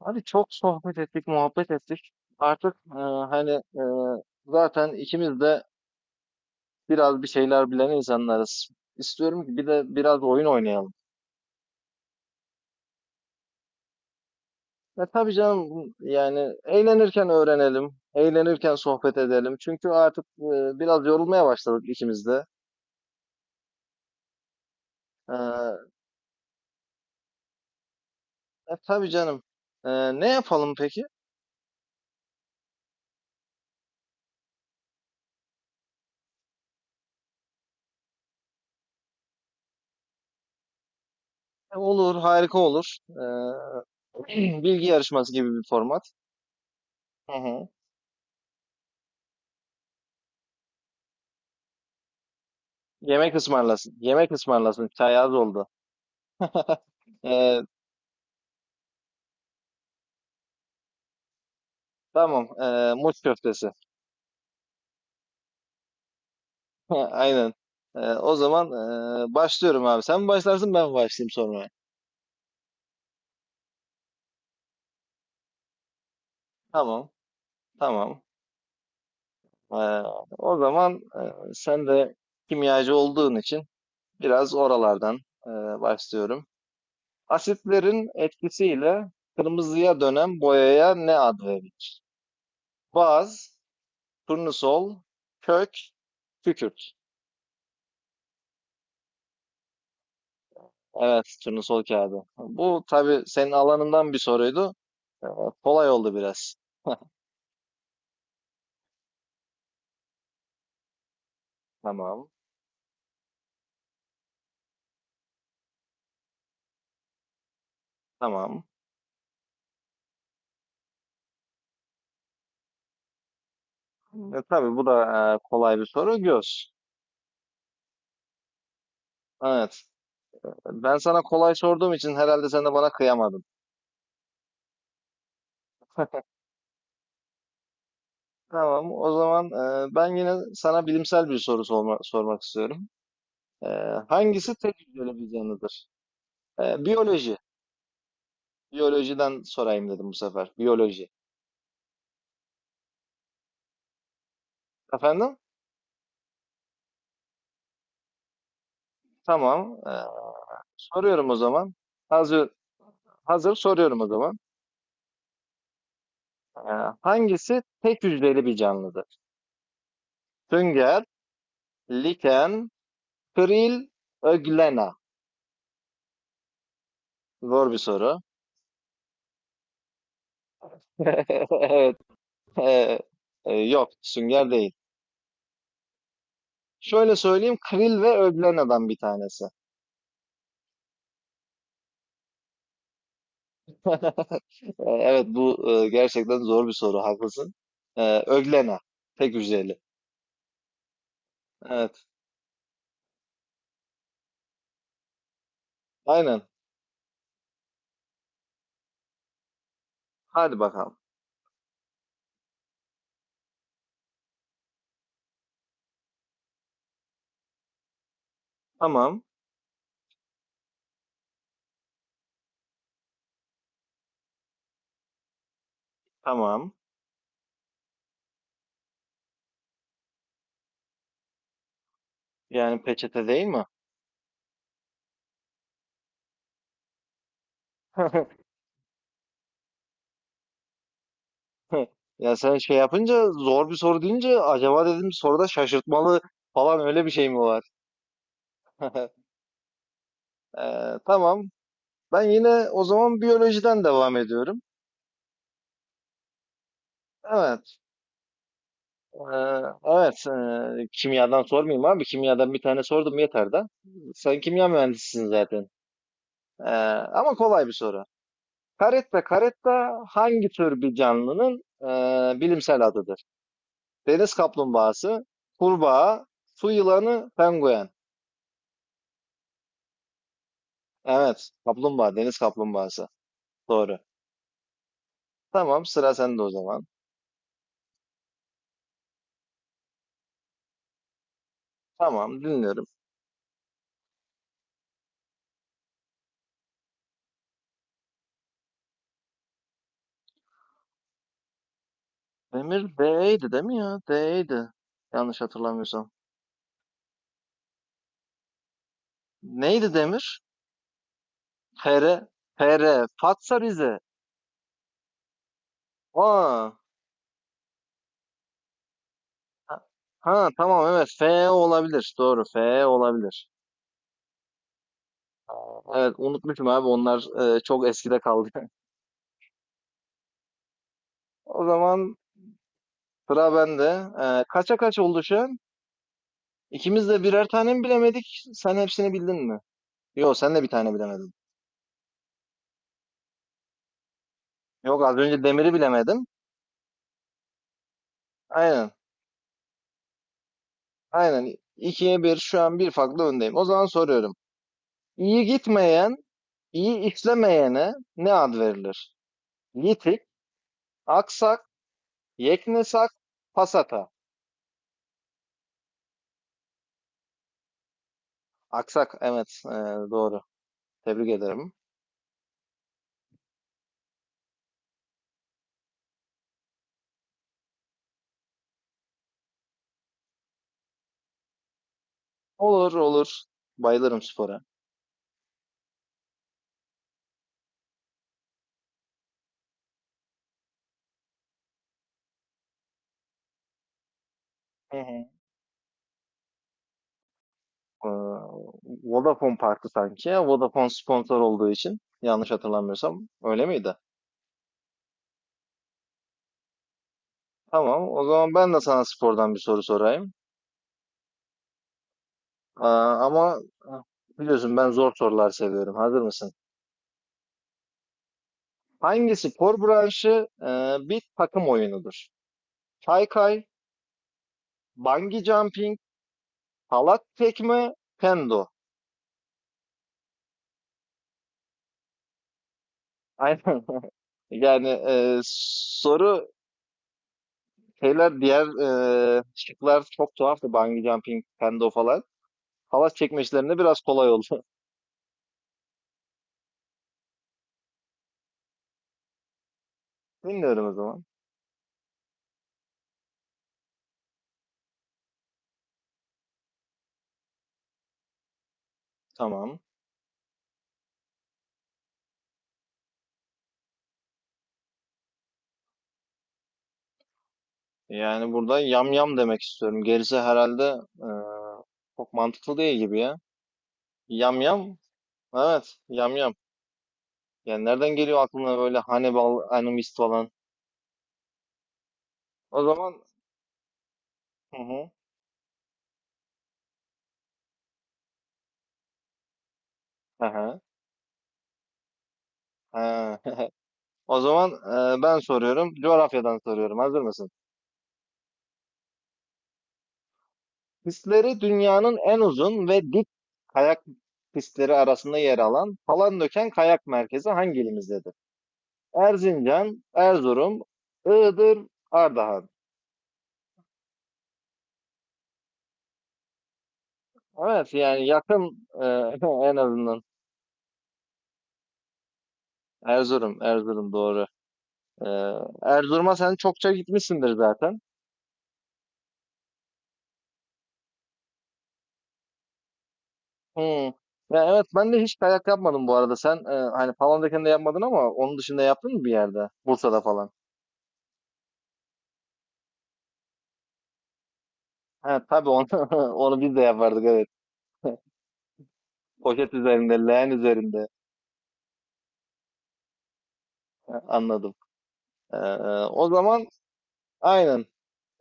Abi çok sohbet ettik, muhabbet ettik. Artık hani zaten ikimiz de biraz bir şeyler bilen insanlarız. İstiyorum ki bir de biraz oyun oynayalım. Ya tabii canım yani eğlenirken öğrenelim, eğlenirken sohbet edelim. Çünkü artık biraz yorulmaya başladık ikimiz de. E, tabii canım. E, Ne yapalım peki? Olur, harika olur. Bilgi yarışması gibi bir format. Hı hı. Yemek ısmarlasın. Yemek ısmarlasın. Çay az oldu. Eee, tamam. Muç köftesi. Aynen. O zaman başlıyorum abi. Sen mi başlarsın ben mi başlayayım sonra? Tamam. Tamam. Eee, O zaman sen de kimyacı olduğun için biraz oralardan eee, başlıyorum. Asitlerin etkisiyle kırmızıya dönen boyaya ne ad verilir? Baz, turnusol, kök, kükürt. Evet, turnusol kağıdı. Bu tabii senin alanından bir soruydu. Ee, Kolay oldu biraz. Tamam, tamam. Tabii bu da kolay bir soru. Göz. Evet. Ben sana kolay sorduğum için herhalde sen de bana kıyamadın. Tamam, o zaman ben yine sana bilimsel bir soru sormak istiyorum. E, Hangisi tek hücreli bir canlıdır? Biyoloji. Biyolojiden sorayım dedim bu sefer. Biyoloji. Efendim? Tamam. Soruyorum o zaman. Hazır, Hazır soruyorum o zaman. Ee, Hangisi tek hücreli bir canlıdır? Sünger, liken, kril, öglena. Zor bir soru. Evet. e, Yok, sünger değil. Şöyle söyleyeyim, kril ve öglena'dan bir tanesi. Evet, bu gerçekten zor bir soru, haklısın. Öglena, tek hücreli. Evet, aynen. Hadi bakalım. Tamam, tamam. Yani peçete değil mi? Heh. Ya sen şey yapınca zor bir soru deyince acaba dedim soruda şaşırtmalı falan öyle bir şey mi var? Tamam. Ben yine o zaman biyolojiden devam ediyorum. Evet. Evet. Kimyadan sormayayım abi. Kimyadan bir tane sordum yeter de. Sen kimya mühendisisin zaten. Ee, Ama kolay bir soru. Caretta caretta hangi tür bir canlının bilimsel adıdır? Deniz kaplumbağası, kurbağa, su yılanı, penguen. Evet. Kaplumbağa. Deniz kaplumbağası. Doğru. Tamam. Sıra sende o zaman. Tamam. Dinliyorum. Demir D'ydi değil mi ya? D'ydi. Yanlış hatırlamıyorsam. Neydi Demir? Fere. Fere. Fatsa Rize. Aa. Ha, ha, tamam evet. F olabilir. Doğru. F olabilir. Evet. Unutmuşum abi. Onlar çok eskide kaldı. O zaman sıra bende. Kaça kaç oldu şu an? İkimiz de birer tane mi bilemedik? Sen hepsini bildin mi? Yok, sen de bir tane bilemedin. Yok az önce demiri bilemedim. Aynen. Aynen. 2'ye bir, şu an bir farklı öndeyim. O zaman soruyorum. İyi gitmeyen, iyi işlemeyene ne ad verilir? Yitik, aksak, yeknesak, pasata. Aksak evet, doğru. Tebrik ederim. Olur olur. Bayılırım spora. Hı hı. Ee, Vodafone Park'tı sanki. Vodafone sponsor olduğu için yanlış hatırlamıyorsam öyle miydi? Tamam. O zaman ben de sana spordan bir soru sorayım. Aa, ama ah, Biliyorsun ben zor sorular seviyorum. Hazır mısın? Hangi spor branşı bir takım oyunudur? Kaykay, bungee jumping, halat tekme, kendo. Aynen. Yani e, soru şeyler diğer e, şıklar çok tuhaftı. Bungee jumping, kendo falan. Halat çekme işlerinde biraz kolay oldu. Bilmiyorum o zaman. Tamam. Yani burada yam yam demek istiyorum. Gerisi herhalde çok mantıklı değil gibi ya. Yam yam. Evet, yam yam. Yani nereden geliyor aklına böyle Hannibal Animist falan? O zaman hı hı, hı ha. O zaman ben soruyorum, coğrafyadan soruyorum. Hazır mısın? Pistleri dünyanın en uzun ve dik kayak pistleri arasında yer alan Palandöken Kayak Merkezi hangi ilimizdedir? Erzincan, Erzurum, Iğdır, Ardahan. Evet, yani yakın en azından. Erzurum, Erzurum doğru. E, Erzurum'a sen çokça gitmişsindir zaten. Hımm. Ya, evet, ben de hiç kayak yapmadım bu arada. Sen, hani, Palandöken'de yapmadın ama onun dışında yaptın mı bir yerde? Bursa'da falan. Ha, tabii onu onu biz de yapardık, evet. Poşet üzerinde, leğen üzerinde. Ha, anladım. Eee, O zaman aynen.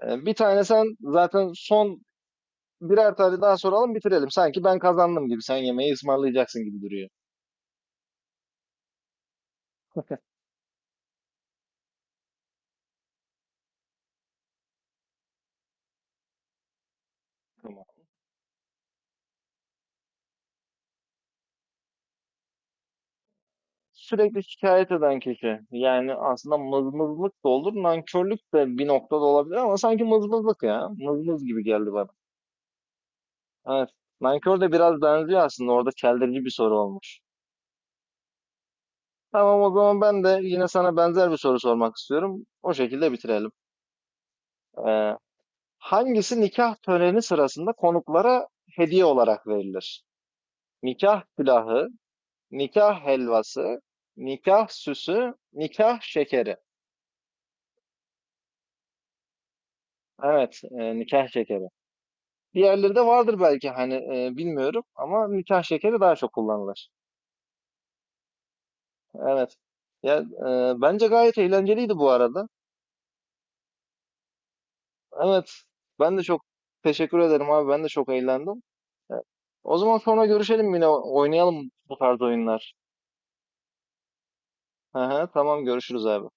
Bir tane sen zaten son birer tane daha soralım, bitirelim. Sanki ben kazandım gibi. Sen yemeği ısmarlayacaksın gibi duruyor. Tamam. Sürekli şikayet eden kişi. Yani aslında mızmızlık da olur, nankörlük de bir noktada olabilir ama sanki mızmızlık ya. Mızmız gibi geldi bana. Evet. Nankör de biraz benziyor aslında. Orada çeldirici bir soru olmuş. Tamam o zaman ben de yine sana benzer bir soru sormak istiyorum. O şekilde bitirelim. Ee, Hangisi nikah töreni sırasında konuklara hediye olarak verilir? Nikah külahı, nikah helvası, nikah süsü, nikah şekeri. Evet, nikah şekeri. Diğerleri de vardır belki hani bilmiyorum ama nikah şekeri daha çok kullanılır. Evet. Ya bence gayet eğlenceliydi bu arada. Evet. Ben de çok teşekkür ederim abi. Ben de çok eğlendim. E, O zaman sonra görüşelim yine oynayalım bu tarz oyunlar. Hı hı, tamam görüşürüz abi.